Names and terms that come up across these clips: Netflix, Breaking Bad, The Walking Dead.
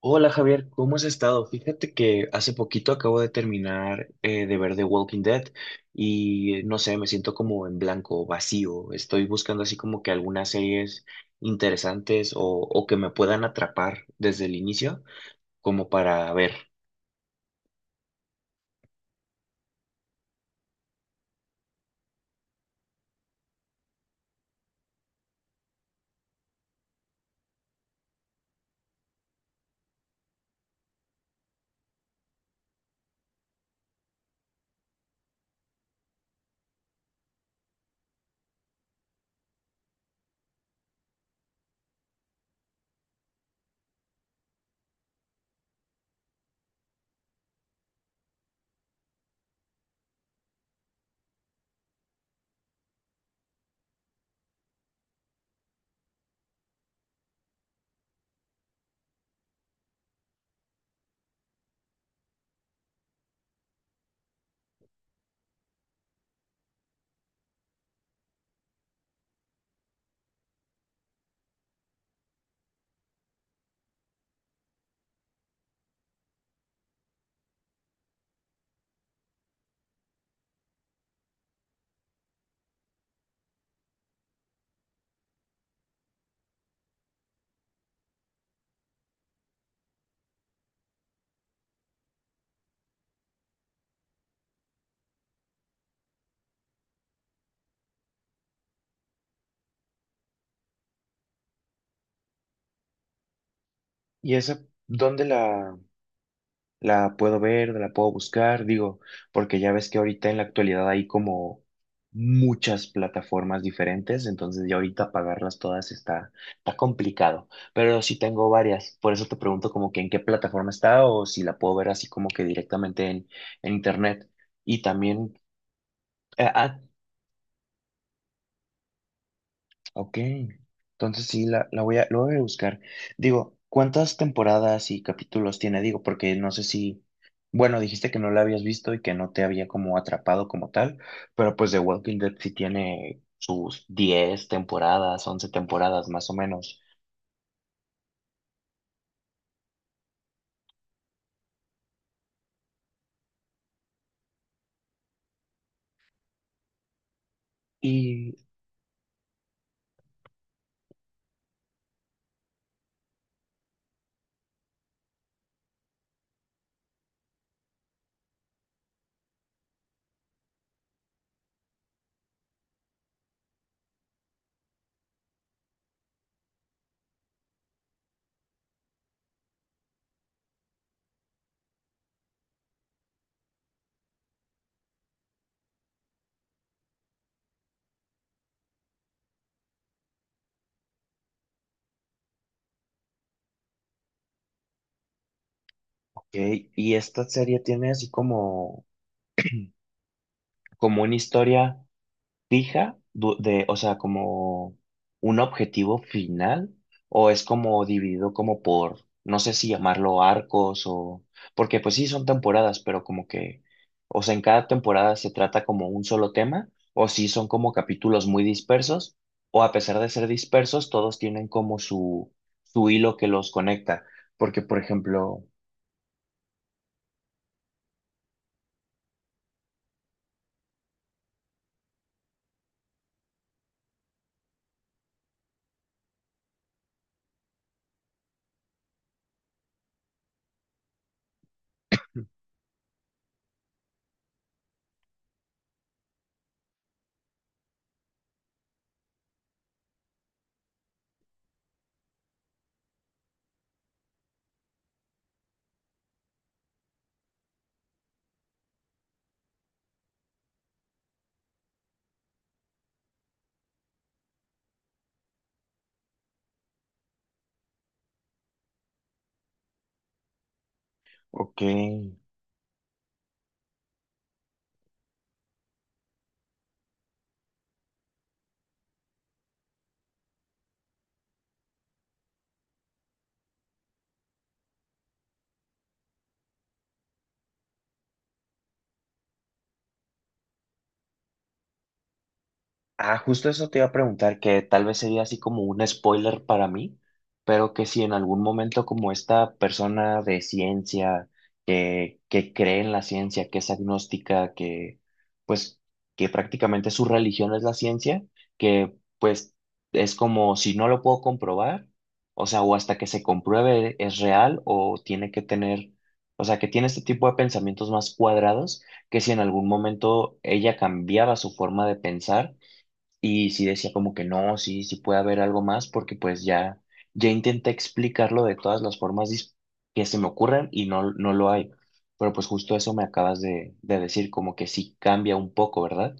Hola Javier, ¿cómo has estado? Fíjate que hace poquito acabo de terminar de ver The Walking Dead y no sé, me siento como en blanco, vacío. Estoy buscando así como que algunas series interesantes o que me puedan atrapar desde el inicio, como para ver. ¿Y esa dónde la puedo ver, la puedo buscar? Digo, porque ya ves que ahorita en la actualidad hay como muchas plataformas diferentes, entonces ya ahorita pagarlas todas está complicado, pero sí tengo varias, por eso te pregunto como que en qué plataforma está o si la puedo ver así como que directamente en internet. Y también, eh, ah, ok, entonces sí, la voy a, lo voy a buscar. Digo, ¿cuántas temporadas y capítulos tiene? Digo, porque no sé si, bueno, dijiste que no la habías visto y que no te había como atrapado como tal, pero pues The Walking Dead sí tiene sus 10 temporadas, 11 temporadas más o menos. Y, ok, y esta serie tiene así como, como una historia de, o sea, como un objetivo final o es como dividido como por, no sé si llamarlo arcos o, porque pues sí son temporadas, pero como que, o sea, en cada temporada se trata como un solo tema o si son como capítulos muy dispersos o a pesar de ser dispersos, todos tienen como su hilo que los conecta, porque por ejemplo, ok. Ah, justo eso te iba a preguntar, que tal vez sería así como un spoiler para mí, pero que si en algún momento como esta persona de ciencia, que cree en la ciencia, que es agnóstica, que pues que prácticamente su religión es la ciencia, que pues es como si no lo puedo comprobar, o sea, o hasta que se compruebe es real o tiene que tener, o sea, que tiene este tipo de pensamientos más cuadrados, que si en algún momento ella cambiaba su forma de pensar, y sí decía como que no, sí, sí puede haber algo más, porque pues ya, ya intenté explicarlo de todas las formas que se me ocurran y no, no lo hay. Pero pues justo eso me acabas de decir, como que sí cambia un poco, ¿verdad?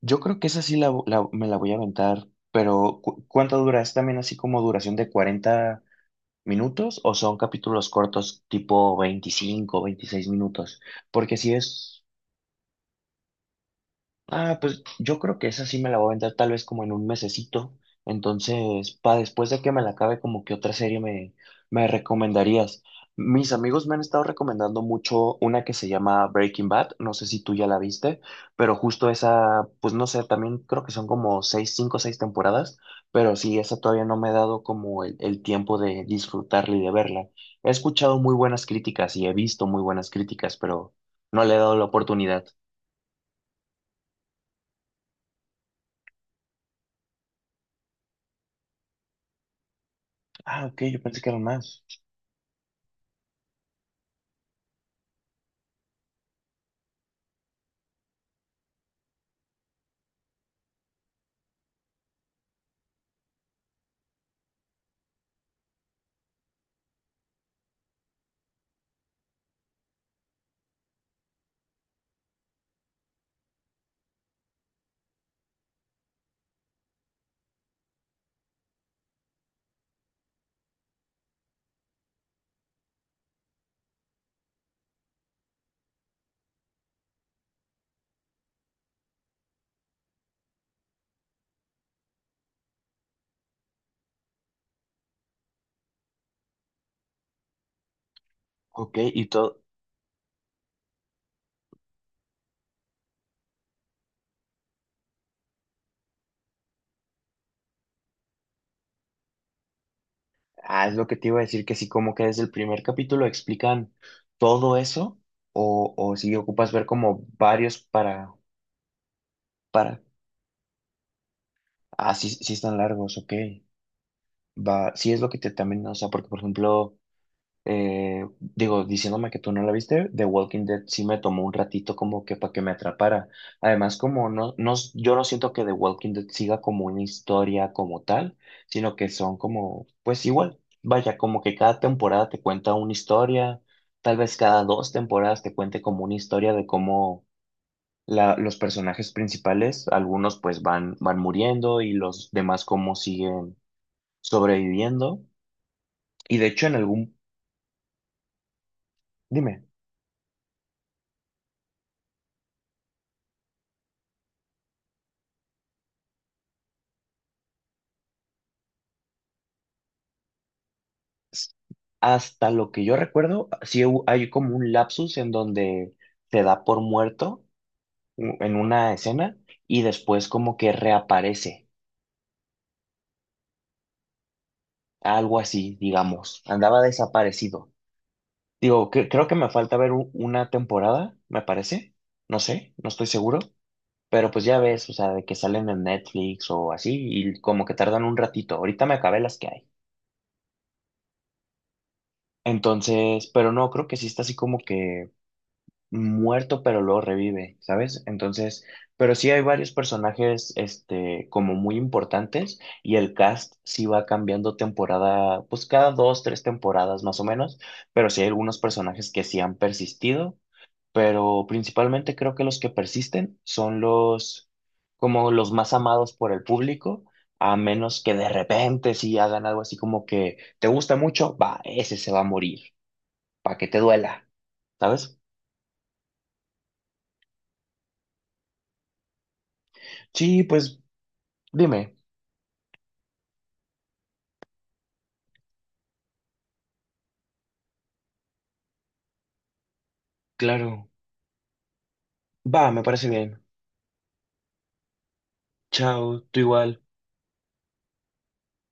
Yo creo que esa sí me la voy a aventar, pero ¿cuánto dura? ¿Es también así como duración de 40 minutos o son capítulos cortos tipo 25 26 minutos? Porque si es ah, pues yo creo que esa sí me la voy a aventar tal vez como en un mesecito. Entonces, para después de que me la acabe, como que otra serie me recomendarías. Mis amigos me han estado recomendando mucho una que se llama Breaking Bad. No sé si tú ya la viste, pero justo esa, pues no sé, también creo que son como 6, 5, o 6 temporadas, pero sí, esa todavía no me he dado como el tiempo de disfrutarla y de verla. He escuchado muy buenas críticas y he visto muy buenas críticas, pero no le he dado la oportunidad. Ah, ok, yo pensé que eran más. Ok, y todo, ah, es lo que te iba a decir, que sí, como que desde el primer capítulo explican todo eso, o si ocupas ver como varios para, ah, sí, sí están largos, ok, va, sí es lo que te también, o sea, porque por ejemplo... digo, diciéndome que tú no la viste, The Walking Dead sí me tomó un ratito como que para que me atrapara. Además, como no, no, yo no siento que The Walking Dead siga como una historia como tal, sino que son como, pues igual, vaya, como que cada temporada te cuenta una historia, tal vez cada 2 temporadas te cuente como una historia de cómo la, los personajes principales, algunos pues van muriendo y los demás cómo siguen sobreviviendo. Y de hecho en algún, dime. Hasta lo que yo recuerdo, sí hay como un lapsus en donde te da por muerto en una escena y después como que reaparece, algo así, digamos, andaba desaparecido. Digo, que, creo que me falta ver una temporada, me parece, no sé, no estoy seguro, pero pues ya ves, o sea, de que salen en Netflix o así y como que tardan un ratito, ahorita me acabé las que hay. Entonces, pero no, creo que sí está así como que muerto, pero luego revive, ¿sabes? Entonces, pero sí hay varios personajes, este, como muy importantes y el cast sí va cambiando temporada, pues cada 2, 3 temporadas más o menos, pero sí hay algunos personajes que sí han persistido, pero principalmente creo que los que persisten son los, como los más amados por el público. A menos que de repente sí hagan algo así como que te gusta mucho, va, ese se va a morir, para que te duela, ¿sabes? Sí, pues dime. Claro. Va, me parece bien. Chao, tú igual.